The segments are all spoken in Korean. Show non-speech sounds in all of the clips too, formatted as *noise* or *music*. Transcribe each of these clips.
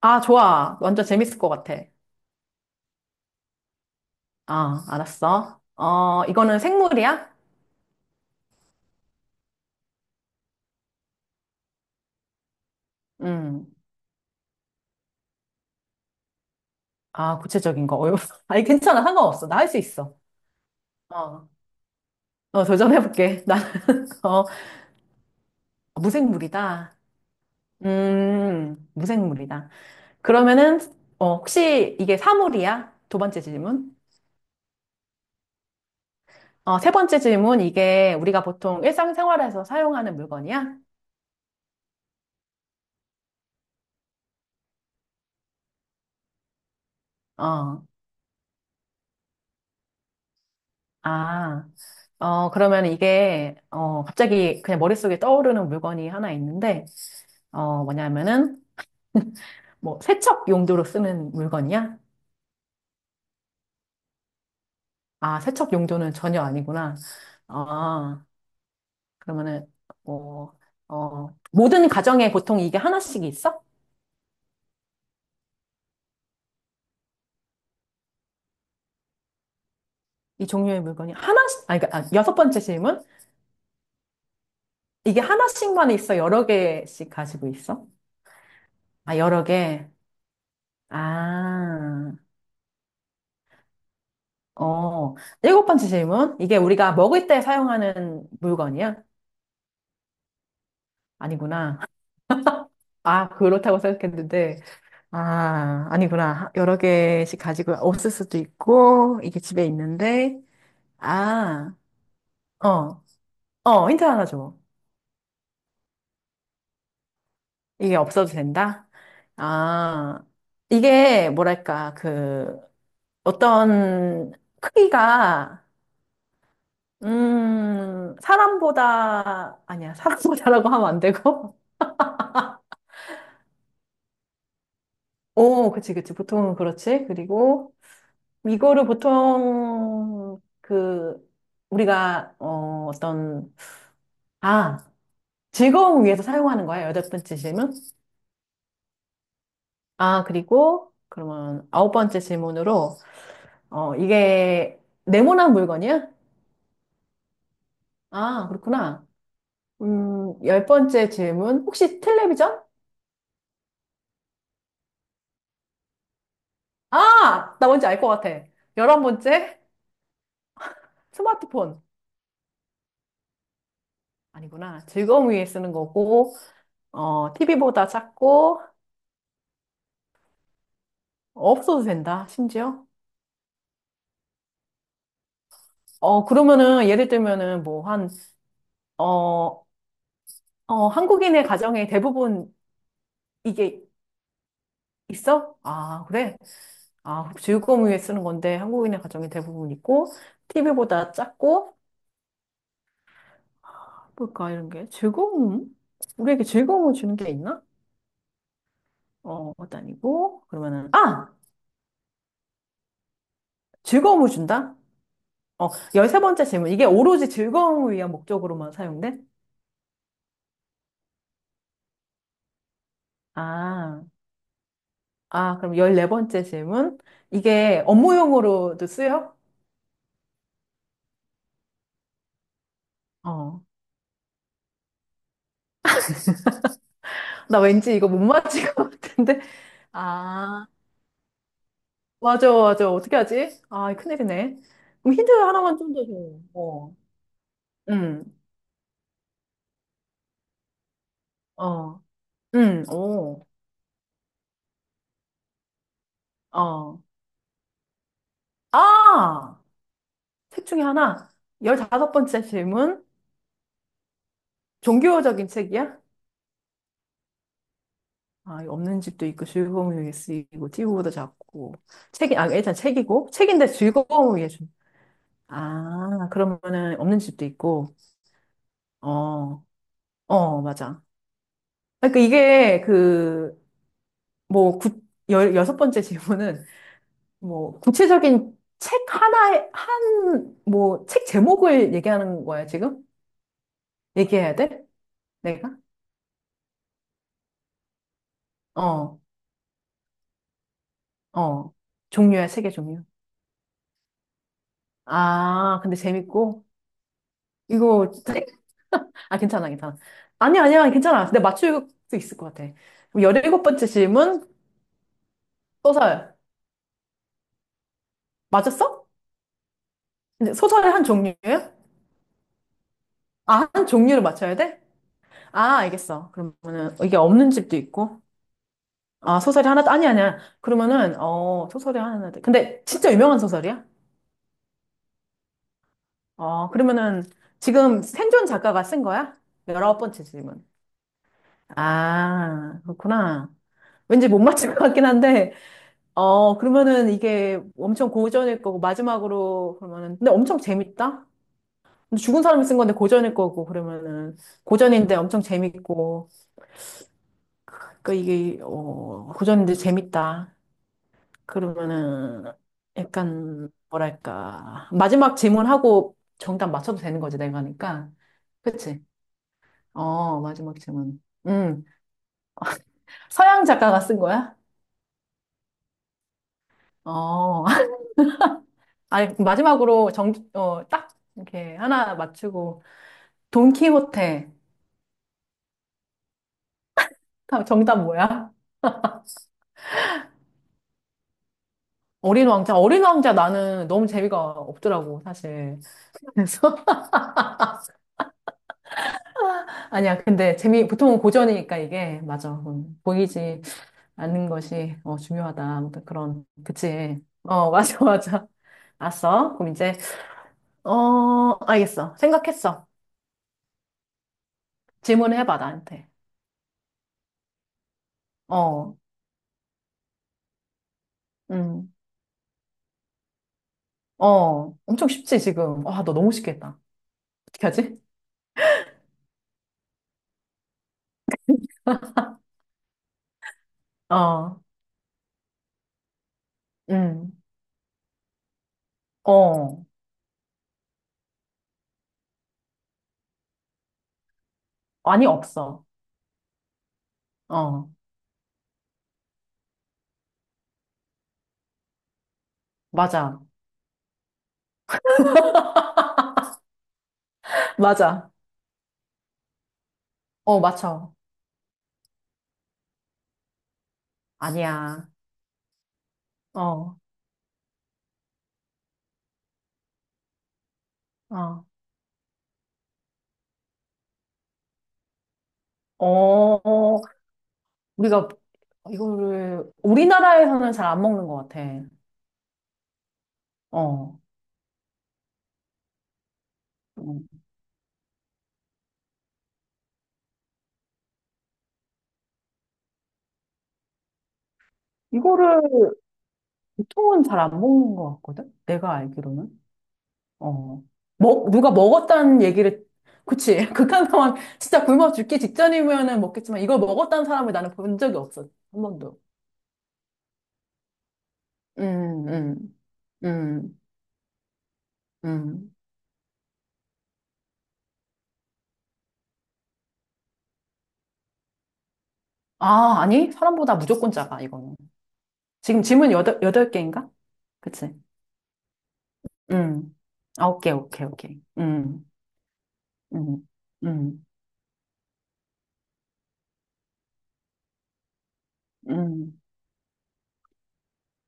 아, 좋아. 완전 재밌을 것 같아. 아, 알았어. 어, 이거는 생물이야? 음. 아, 구체적인 거. 어려워. *laughs* 아니, 괜찮아. 상관없어. 나 할 수 있어. 어, 어, 도전해볼게. *laughs* 나는, 어, 무생물이다. 무생물이다. 그러면은, 혹시 이게 사물이야? 두 번째 질문. 어, 세 번째 질문. 이게 우리가 보통 일상생활에서 사용하는 물건이야? 어. 아, 그러면 이게, 갑자기 그냥 머릿속에 떠오르는 물건이 하나 있는데, 뭐냐면은, *laughs* 뭐, 세척 용도로 쓰는 물건이야? 아, 세척 용도는 전혀 아니구나. 아, 그러면은, 뭐, 모든 가정에 보통 이게 하나씩 있어? 이 종류의 물건이 하나씩, 아, 그러니까, 아, 여섯 번째 질문? 이게 하나씩만 있어? 여러 개씩 가지고 있어? 아, 여러 개? 아, 어, 일곱 번째 질문. 이게 우리가 먹을 때 사용하는 물건이야? 아니구나. 아, 그렇다고 생각했는데. 아, 아니구나. 여러 개씩 가지고 없을 수도 있고, 이게 집에 있는데. 아, 어, 힌트 하나 줘. 이게 없어도 된다? 아, 이게 뭐랄까, 그, 어떤 크기가, 사람보다, 아니야, 사람보다라고 하면 안 되고. 오, 그치, 그치. 보통은 그렇지. 그리고 이거를 보통 그 우리가 어떤 아, 즐거움 위해서 사용하는 거야. 여덟 번째 질문. 아, 그리고 그러면 아홉 번째 질문으로 이게 네모난 물건이야? 아, 그렇구나. 열 번째 질문. 혹시 텔레비전? 아, 나 뭔지 알 것 같아. 열한 번째 스마트폰. 아니구나. 즐거움 위해 쓰는 거고, 어, TV보다 작고, 없어도 된다, 심지어? 어, 그러면은, 예를 들면은, 뭐, 한, 어, 한국인의 가정에 대부분 이게 있어? 아, 그래? 아, 즐거움 위해 쓰는 건데, 한국인의 가정에 대부분 있고, TV보다 작고, 뭘까, 이런 게. 즐거움? 우리에게 즐거움을 주는 게 있나? 어, 그것도 아니고, 그러면은, 아! 즐거움을 준다? 어, 13번째 질문. 이게 오로지 즐거움을 위한 목적으로만 사용돼? 아. 아, 그럼 14번째 질문. 이게 업무용으로도 쓰여? 어. 나 왠지 이거 못 맞힐 것 같은데. 아, 맞아, 맞아. 어떻게 하지? 아, 큰일이네. 그럼 힌트 하나만 좀 더 줘. 어. 응, 어. 응, 오. 어. 아! 책 중에 하나. 15번째 질문. 종교적인 책이야? 아, 이거 없는 집도 있고, 즐거움을 위해 쓰이고, 띄우보다 작고. 책이, 아, 일단 책이고. 책인데 즐거움을 위해 준다. 아, 그러면은 없는 집도 있고, 어, 맞아. 아, 그러니까 이게 그, 뭐, 구, 열, 여섯 번째 질문은, 뭐, 구체적인 책 하나에, 한, 뭐, 책 제목을 얘기하는 거야, 지금? 얘기해야 돼? 내가? 어, 어. 종류야, 책의 종류. 아, 근데 재밌고, 이거, 책? *laughs* 아, 괜찮아, 괜찮아. 아니야, 아니야, 괜찮아. 근데 맞출 수 있을 것 같아. 그럼 곱번째 질문, 소설. 맞았어? 근데 소설의 한 종류예요? 아, 한 종류를 맞춰야 돼? 아, 알겠어. 그러면은 이게 없는 집도 있고. 아, 소설이 하나, 아니, 아니야. 그러면은, 소설이 하나, 돼. 근데 진짜 유명한 소설이야? 어, 그러면은 지금 생존 작가가 쓴 거야? 열아홉 번째 질문. 아, 그렇구나. 왠지 못 맞힐 것 같긴 한데, 어, 그러면은 이게 엄청 고전일 거고, 마지막으로 그러면은, 근데 엄청 재밌다? 근데 죽은 사람이 쓴 건데 고전일 거고, 그러면은, 고전인데 엄청 재밌고, 그 이게 고전인데 재밌다. 그러면은 약간 뭐랄까 마지막 질문하고 정답 맞춰도 되는 거지 내가 하니까. 그치? 어 마지막 질문. 서양 작가가 쓴 거야? 어 *laughs* 아니 마지막으로 정어딱 이렇게 하나 맞추고 돈키호테 정답 뭐야? 어린 왕자 어린 왕자 나는 너무 재미가 없더라고 사실. 그래서 *laughs* 아니야 근데 재미 보통은 고전이니까 이게 맞아 보이지. 아는 것이 중요하다. 아무튼 그런 그치. 어 *laughs* 맞아 맞아. 알았어. 그럼 이제 어 알겠어. 생각했어. 질문을 해봐 나한테. 어, 음, 엄청 쉽지 지금. 와 너 너무 쉽게 했다. 어떻게 하지? 어, 음, 어 아니 없어. 어 맞아 *laughs* 맞아. 어 맞춰. 아니야. 어, 어, 어 어, 우리가 이거를 우리나라에서는 잘 안 먹는 것 같아. 어. 어. 이거를 보통은 잘 안 먹는 것 같거든? 내가 알기로는. 어. 누가 먹었다는 얘기를, 그치. *laughs* 극한 상황, 진짜 굶어 죽기 직전이면은 먹겠지만, 이걸 먹었다는 사람을 나는 본 적이 없어. 한 번도. 음, 음, 음, 음. 아, 아니? 사람보다 무조건 작아, 이거는. 지금 질문 여덟 개인가? 그치. 음. 아, 오케이, 오케이, 오케이. 음, 음, 음,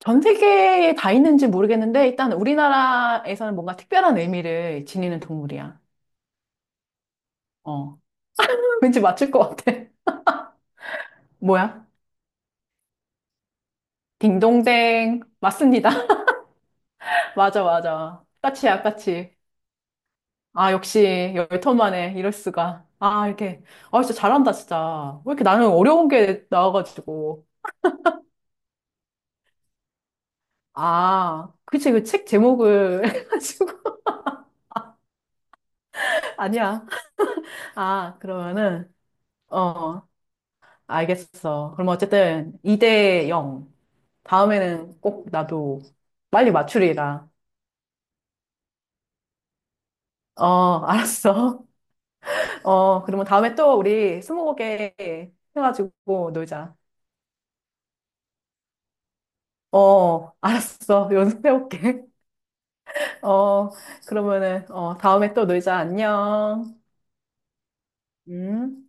전 세계에 다 있는지 모르겠는데 일단 우리나라에서는 뭔가 특별한 의미를 지니는 동물이야. 어. *laughs* 왠지 맞출 것 같아. *laughs* 뭐야? 딩동댕. 맞습니다. *laughs* 맞아, 맞아. 까치야, 까치. 아, 역시 열턴 만에 이럴 수가. 아, 이렇게. 아, 진짜 잘한다, 진짜. 왜 이렇게 나는 어려운 게 나와가지고. 아, 그치, 그 책 제목을 *laughs* 해가지고. 아니야. 아, 그러면은, 어, 알겠어. 그럼 어쨌든 2대 0. 다음에는 꼭 나도 빨리 맞추리라. 어, 알았어. *laughs* 어, 그러면 다음에 또 우리 스무고개 해가지고 놀자. 어, 알았어. 연습해올게. *laughs* 어, 그러면은, 다음에 또 놀자. 안녕. 음.